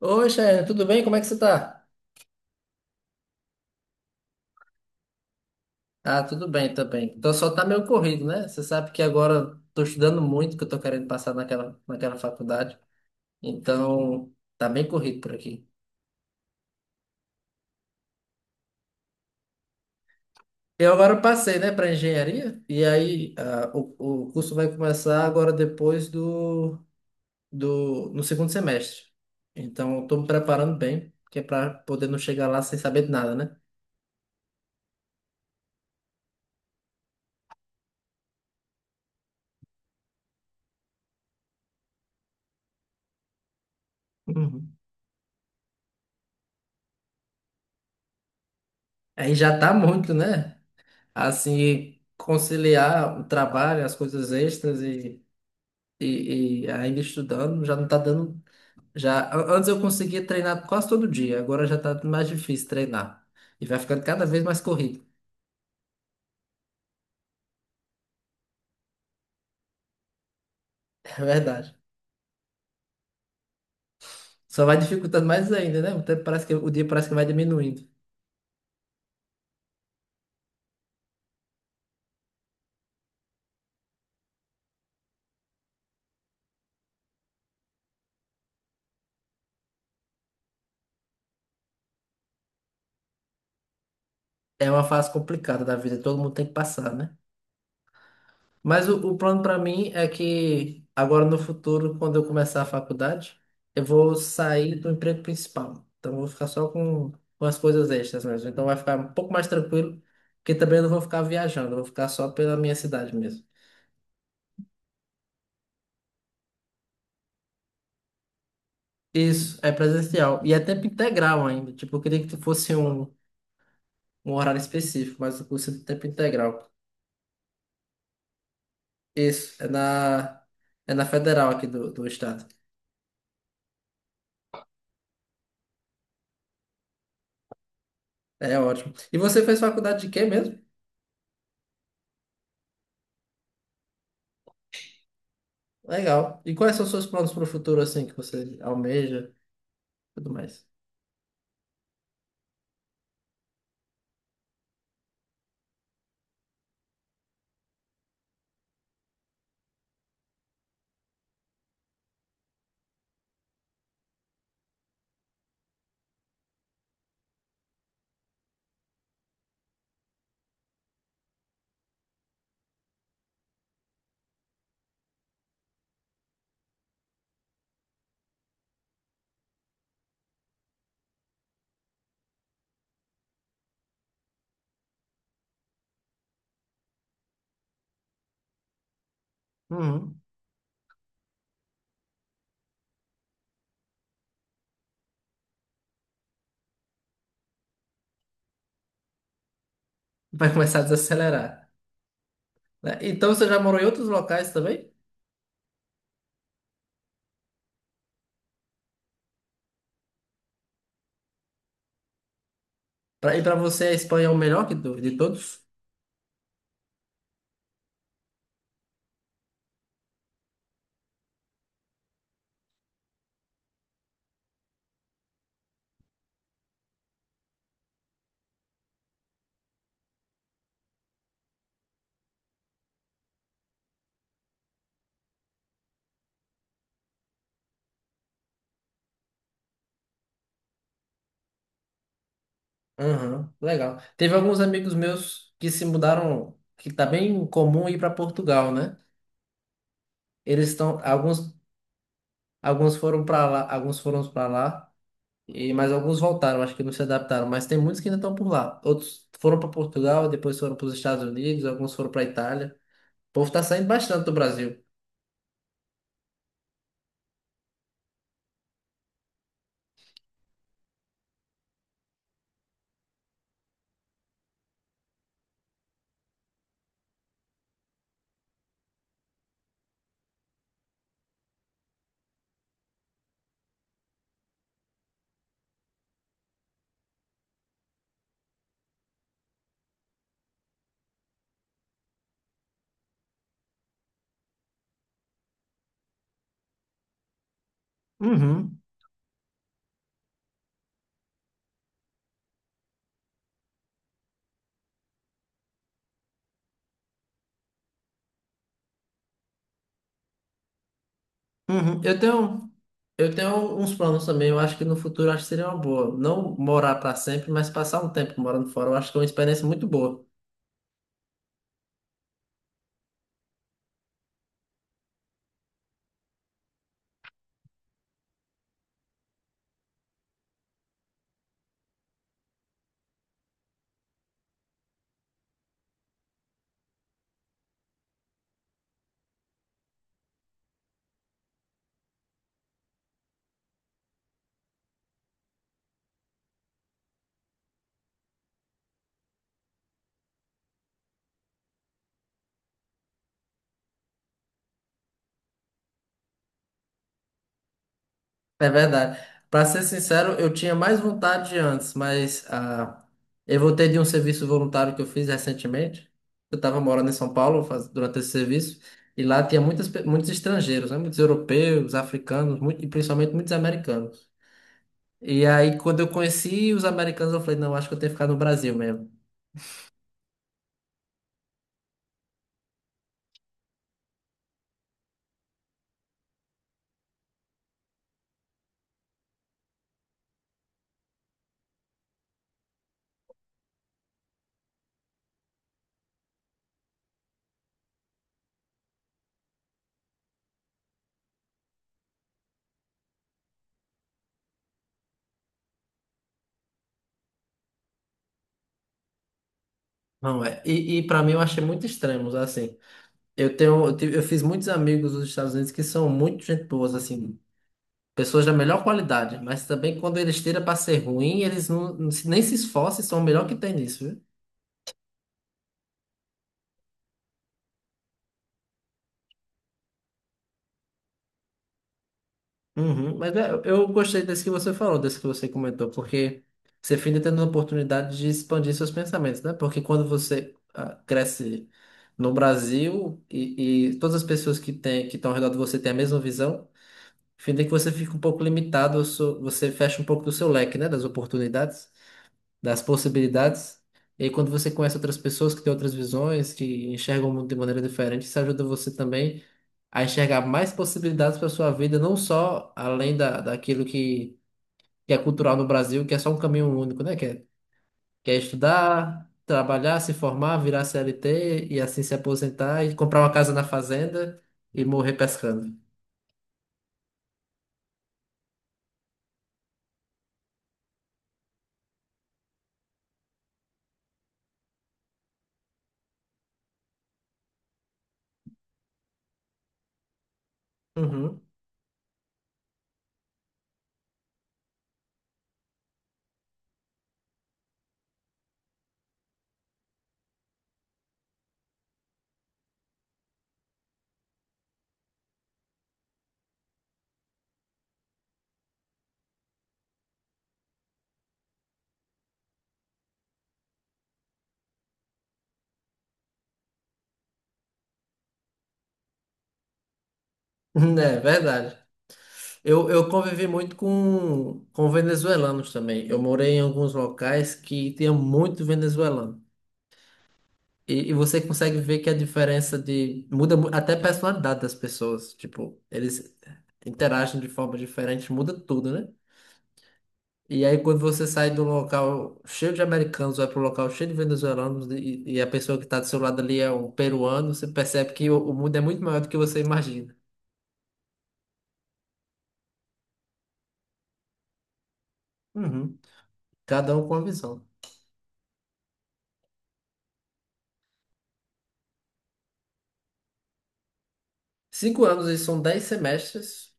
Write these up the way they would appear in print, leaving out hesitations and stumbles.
Oi, Chayane, tudo bem? Como é que você tá? Ah, tudo bem também. Então só tá meio corrido, né? Você sabe que agora eu tô estudando muito, que eu tô querendo passar naquela faculdade. Então, tá bem corrido por aqui. Eu agora passei, né, para engenharia, e aí o curso vai começar agora depois do, do no segundo semestre. Então, eu tô me preparando bem, que é para poder não chegar lá sem saber de nada, né? Uhum. Aí já tá muito, né? Assim, conciliar o trabalho, as coisas extras e ainda estudando, já não tá dando. Já, antes eu conseguia treinar quase todo dia, agora já tá mais difícil treinar. E vai ficando cada vez mais corrido. É verdade. Só vai dificultando mais ainda, né? O dia parece que vai diminuindo. É uma fase complicada da vida, todo mundo tem que passar, né? Mas o plano para mim é que agora no futuro, quando eu começar a faculdade, eu vou sair do emprego principal. Então eu vou ficar só com as coisas extras mesmo. Então vai ficar um pouco mais tranquilo, porque também eu não vou ficar viajando, eu vou ficar só pela minha cidade mesmo. Isso, é presencial. E é tempo integral ainda. Tipo, eu queria que fosse um horário específico, mas o curso é de tempo integral. Isso, é na federal aqui do estado. É ótimo. E você fez faculdade de quê mesmo? Legal. E quais são os seus planos para o futuro, assim, que você almeja, tudo mais? Uhum. Vai começar a desacelerar, né? Então você já morou em outros locais também? E para você a Espanha é o melhor de todos? Aham, legal. Teve alguns amigos meus que se mudaram, que tá bem comum ir para Portugal, né? Eles estão, alguns, alguns foram para lá, alguns foram para lá, e mas alguns voltaram, acho que não se adaptaram. Mas tem muitos que ainda estão por lá. Outros foram para Portugal, depois foram para os Estados Unidos, alguns foram para Itália. O povo tá saindo bastante do Brasil. Uhum, uhum. Eu tenho. Eu tenho uns planos também, eu acho que no futuro acho que seria uma boa. Não morar para sempre, mas passar um tempo morando fora, eu acho que é uma experiência muito boa. É verdade. Para ser sincero, eu tinha mais vontade de antes, mas eu voltei de um serviço voluntário que eu fiz recentemente. Eu estava morando em São Paulo durante esse serviço, e lá tinha muitos estrangeiros, né? Muitos europeus, africanos, e principalmente muitos americanos. E aí, quando eu conheci os americanos, eu falei, não, acho que eu tenho que ficar no Brasil mesmo. Não é. E para mim eu achei muito extremos, assim. Eu tenho, eu tive- eu fiz muitos amigos dos Estados Unidos que são muito gente boas, assim, pessoas da melhor qualidade, mas também quando eles tiram para ser ruim, eles não, nem se esforçam, e são o melhor que tem nisso. Uhum, mas é, eu gostei desse que você falou, desse que você comentou, porque você fica tendo a oportunidade de expandir seus pensamentos, né? Porque quando você cresce no Brasil e todas as pessoas que estão ao redor de você têm a mesma visão, fica que você fica um pouco limitado, você fecha um pouco do seu leque, né? Das oportunidades das possibilidades. E aí, quando você conhece outras pessoas que têm outras visões, que enxergam o mundo de maneira diferente, isso ajuda você também a enxergar mais possibilidades para sua vida, não só além da, daquilo que é cultural no Brasil, que é só um caminho único, né? Que é estudar, trabalhar, se formar, virar CLT e assim se aposentar e comprar uma casa na fazenda e morrer pescando. Uhum. É verdade. Eu convivi muito com venezuelanos também. Eu morei em alguns locais que tinha muito venezuelano. E você consegue ver que a diferença de. Até a personalidade das pessoas. Tipo, eles interagem de forma diferente, muda tudo, né? E aí quando você sai do local cheio de americanos, vai pro local cheio de venezuelanos e a pessoa que está do seu lado ali é um peruano, você percebe que o mundo é muito maior do que você imagina. Uhum. Cada um com uma visão. 5 anos e são 10 semestres.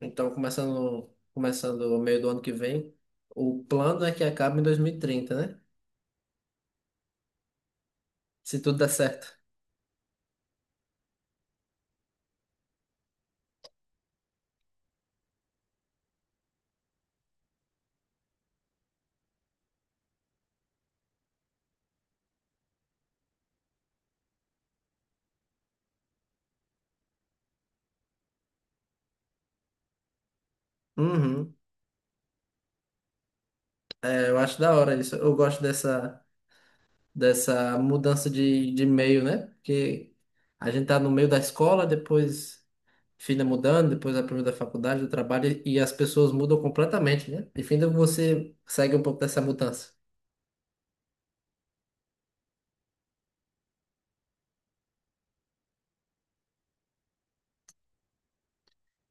Então, começando o meio do ano que vem, o plano é que acabe em 2030, né? Se tudo der certo. Uhum. É, eu acho da hora isso. Eu gosto dessa mudança de meio, né? Porque a gente tá no meio da escola, depois filha mudando, depois a primeira da faculdade, do trabalho, e as pessoas mudam completamente, né? Enfim, você segue um pouco dessa mudança.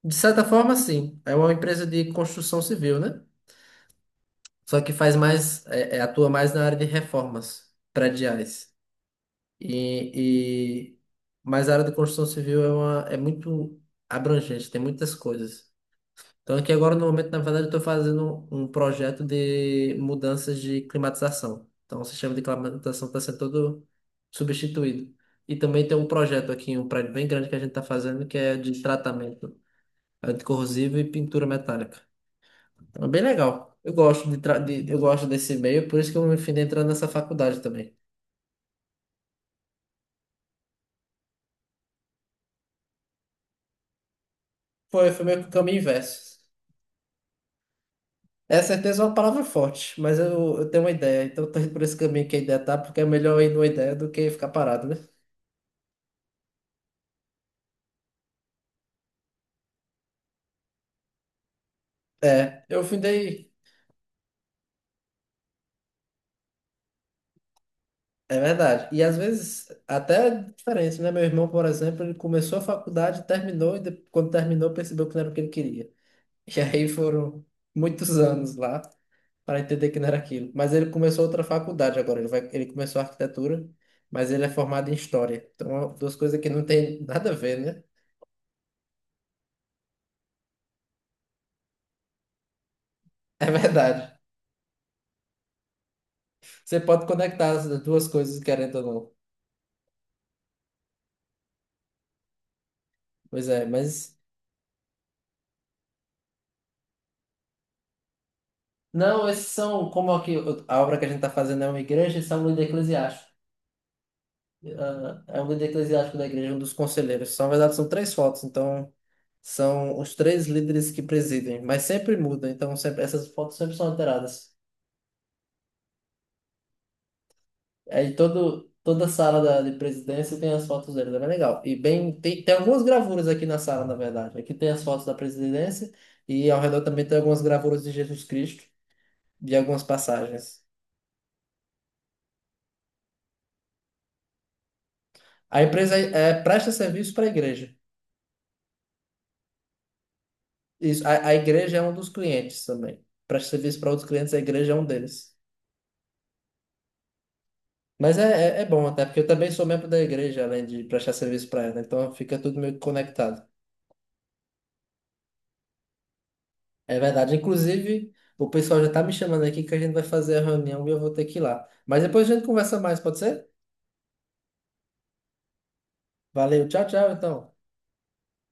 De certa forma, sim. É uma empresa de construção civil, né? Só que faz mais, atua mais na área de reformas prediais. E mas a área da construção civil é muito abrangente, tem muitas coisas. Então aqui agora no momento, na verdade, eu estou fazendo um projeto de mudanças de climatização. Então o sistema de climatização está sendo todo substituído. E também tem um projeto aqui, um prédio bem grande que a gente está fazendo, que é de tratamento anticorrosivo e pintura metálica. Então, é bem legal. Eu gosto eu gosto desse meio, por isso que eu me fui entrando nessa faculdade também. Foi meio que o caminho inverso. É certeza é uma palavra forte, mas eu tenho uma ideia, então eu tô indo por esse caminho que a ideia tá, porque é melhor ir numa ideia do que ficar parado, né? É, eu findei, é verdade. E às vezes até é diferente, né? Meu irmão, por exemplo, ele começou a faculdade, terminou, quando terminou percebeu que não era o que ele queria. E aí foram muitos anos lá para entender que não era aquilo. Mas ele começou outra faculdade agora, ele começou arquitetura, mas ele é formado em história. Então, duas coisas que não tem nada a ver, né? É verdade. Você pode conectar as duas coisas, querendo ou não. Pois é, mas não, esses são como aqui a obra que a gente está fazendo é uma igreja e são líder eclesiástico. Ah, é um líder eclesiástico da igreja, um dos conselheiros. São, na verdade, são três fotos, então são os três líderes que presidem, mas sempre muda, então sempre, essas fotos sempre são alteradas. Toda a sala de presidência tem as fotos deles, é bem legal. E bem, tem algumas gravuras aqui na sala, na verdade. Aqui tem as fotos da presidência e ao redor também tem algumas gravuras de Jesus Cristo, de algumas passagens. A empresa é, presta serviço para a igreja. Isso, a igreja é um dos clientes também. Presta serviço para outros clientes, a igreja é um deles. Mas é bom até, porque eu também sou membro da igreja, além de prestar serviço para ela. Então fica tudo meio que conectado. É verdade. Inclusive, o pessoal já tá me chamando aqui que a gente vai fazer a reunião e eu vou ter que ir lá. Mas depois a gente conversa mais, pode ser? Valeu, tchau, tchau, então.